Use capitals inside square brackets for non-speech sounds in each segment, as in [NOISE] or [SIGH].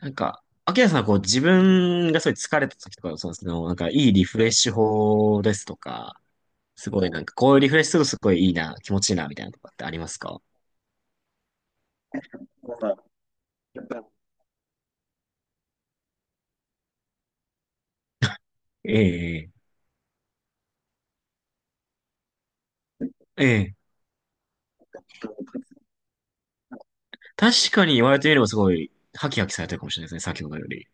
なんか、秋キさんはこう自分がすごい疲れた時とか、そのなんかいいリフレッシュ法ですとか、すごいなんかこういうリフレッシュするとすごいいいな、気持ちいいなみたいなとかってありますか？ええ、ええ。確かに言われてみればすごい、ハキハキされてるかもしれないですね、先ほどより。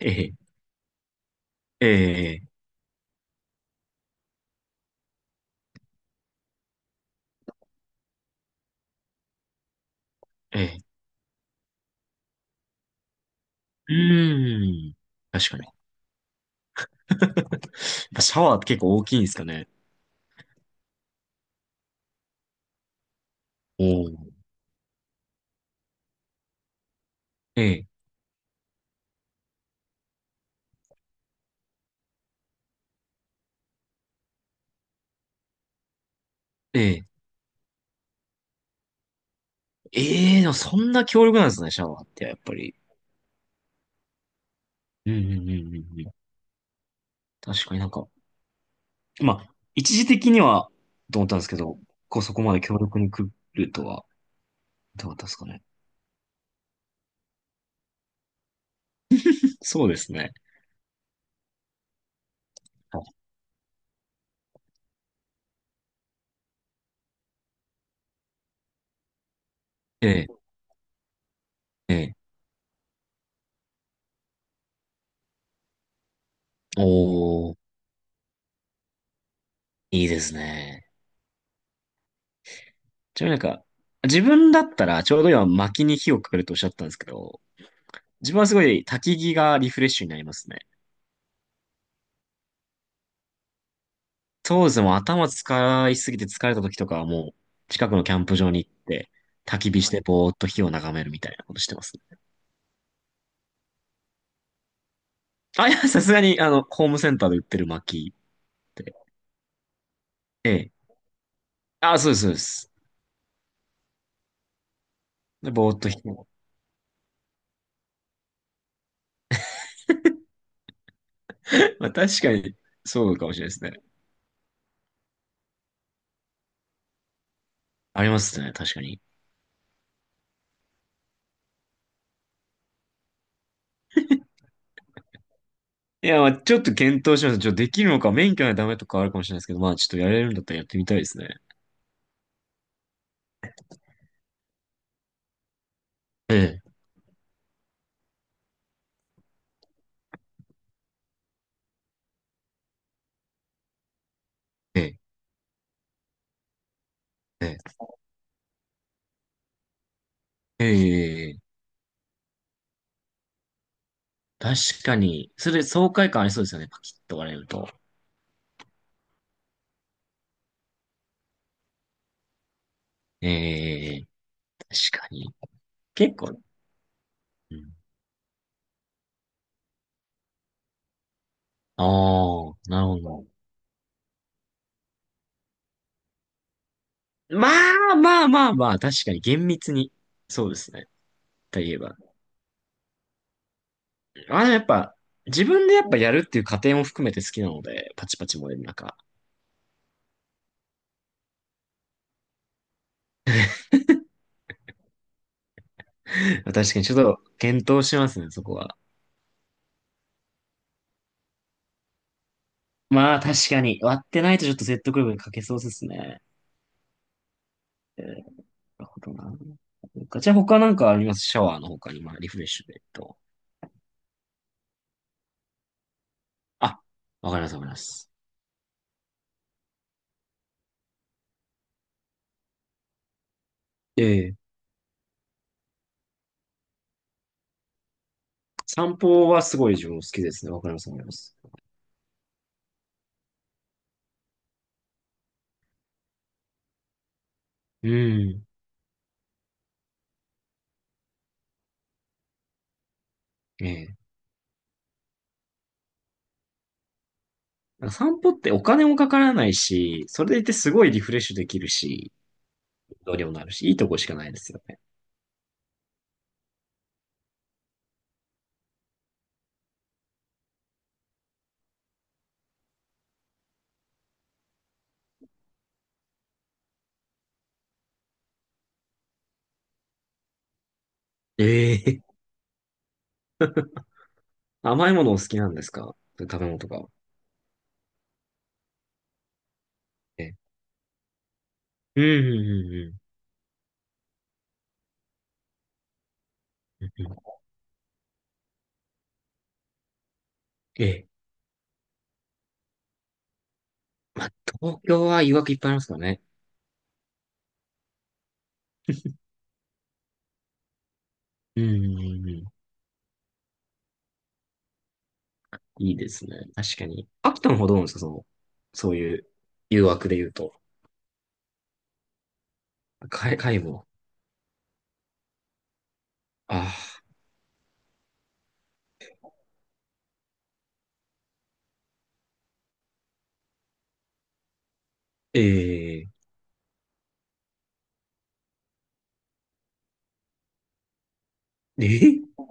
ええ、ええ、ええ。うーん。確かに。[LAUGHS] やっぱシャワーって結構大きいんですかね？おお。ええ、ええ。ええ、でもそんな強力なんですね、シャワーって、やっぱり。うん、うん、うん、うんうん。確かになんか、まあ、一時的にはと思ったんですけど、こうそこまで強力に来るとは、どうだったですかね。そうですね。はい、ええ、ええ。おー、いいですね。ちなみになんか、自分だったらちょうど今薪に火をかけるとおっしゃったんですけど、自分はすごい焚き木がリフレッシュになりますね。当時も頭使いすぎて疲れた時とかはもう近くのキャンプ場に行って焚き火してぼーっと火を眺めるみたいなことしてますね。あ、いや、さすがにあの、ホームセンターで売ってる薪って。ええ。あ、そうです、そうです。でぼーっと弾く。[LAUGHS] まあ確かに、そうかもしれないですね。ありますね、確かに。いや、まあちょっと検討します。ちょっとできるのか、免許がダメとかあるかもしれないですけど、まあちょっとやれるんだったらやってみたいですね。ええ、ええ、ええ、ええ、ええ、確かに。それ、爽快感ありそうですよね、パキッと割れると。ええ、確かに。結構、うん、ああ、なるほど。まあまあまあまあ、確かに厳密に。そうですね。といえば。あ、でもやっぱ、自分でやっぱやるっていう過程も含めて好きなので、パチパチ燃える中。[LAUGHS] 確かにちょっと検討しますね、そこは。まあ確かに、割ってないとちょっと説得力に欠けそうですね。えーなるほどな。じゃあ他なんかありますシャワーの他に、まあリフレッシュでと。あ、わかりますわかります。ええ、散歩はすごい自分も好きですね。わかりますわかります。うん。ええ、なんか散歩ってお金もかからないし、それでいてすごいリフレッシュできるし、どうにもなるし、いいとこしかないですよ。ええ、甘いものお好きなんですか？食べ物とか。ええ。うんうんうんうん。うんうん、ええ。まあ、東京は誘惑いっぱいありますからね。うんうんうんうん。いいですね。確かに。秋田の方どうなんですか、その、そういう誘惑で言うと？かい、も。ああ。ええ。ええ。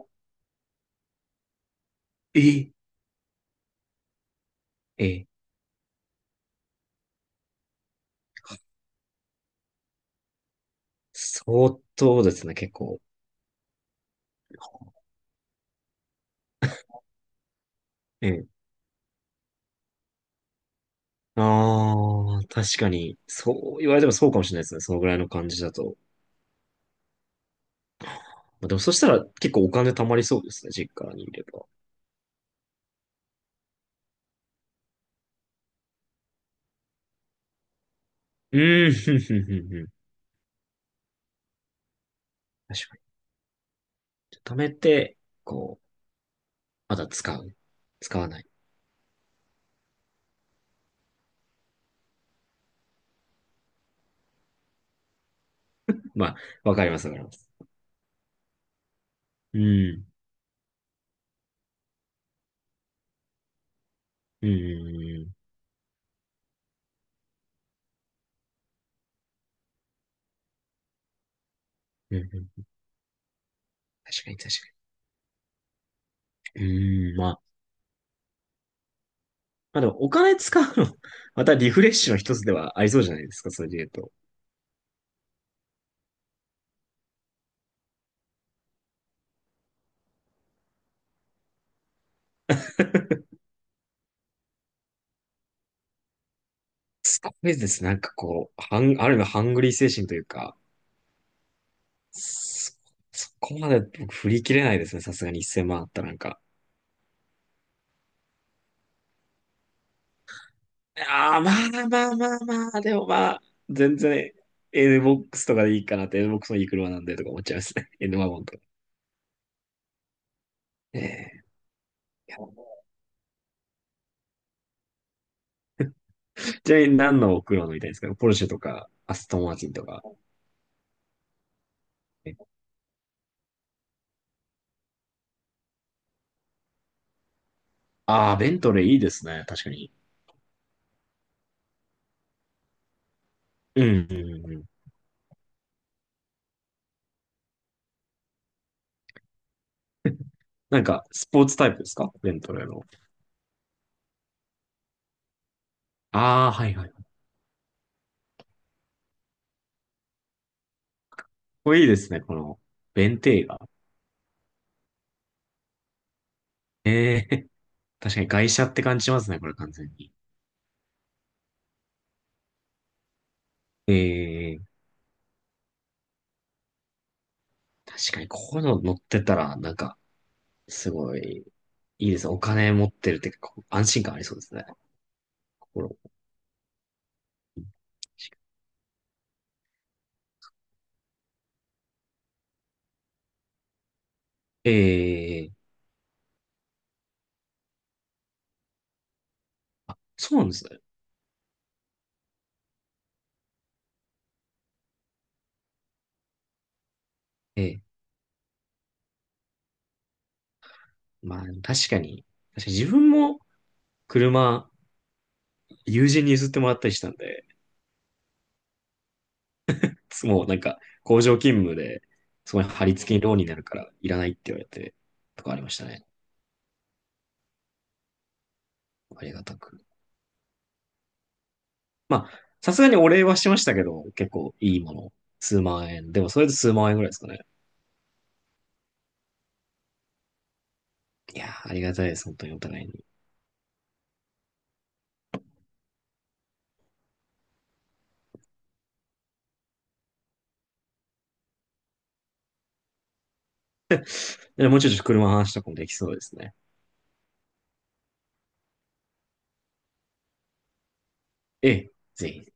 ええ。ええ、相当ですね、結構。ええ。ああ、確かに。そう言われてもそうかもしれないですね。そのぐらいの感じだと。まあ、でもそしたら結構お金貯まりそうですね、実家にいれば。うーん、ふんふんふんふん。確かに。貯めて、こう、まだ使う。使わない。まあ、わかります、わかります。うん。うん。うん。うん、確かに、確、うん、かに。うんまあ、まあでも、お金使うの [LAUGHS] またリフレッシュの一つではありそうじゃないですか、それで言うと。すごいです。なんかこう、ある意味ハングリー精神というか、そ、そこまで僕振り切れないですね、さすがに1,000万あったらなんか。ああ、まあまあまあまあ、でもまあ、全然 NBOX とかでいいかなって、NBOX のいい車なんでとか思っちゃいますね。[LAUGHS] N ワゴンとか。ええ、いや、ちなみに何の車乗りたいですか？ポルシェとか、アストンマーティンとか。ああ、ベントレーいいですね。確かに。うん、うん、うん。なんか、スポーツタイプですか、ベントレーの？ああ、はいはい。これいいですね。この、ベンテーガ。ええ。 [LAUGHS] 確かに外車って感じしますね。これ完全に。ええ、確かにここの乗ってたら、なんか、すごい、いいですね。お金持ってるってか、こう安心感ありそうですね。心も。ええ、そうなんですね。ええ、まあ、確かに、確かに自分も車、友人に譲ってもらったりしたんで、もうなんか、工場勤務で、そこに貼り付けにローンになるから、いらないって言われて、とかありましたね。ありがたく。まあ、さすがにお礼はしましたけど、結構いいもの。数万円。でも、それで数万円ぐらいですかね。いやー、ありがたいです。本当にお互いに。でもうちょっと車の話とかもできそうですね。ええ、ぜひ。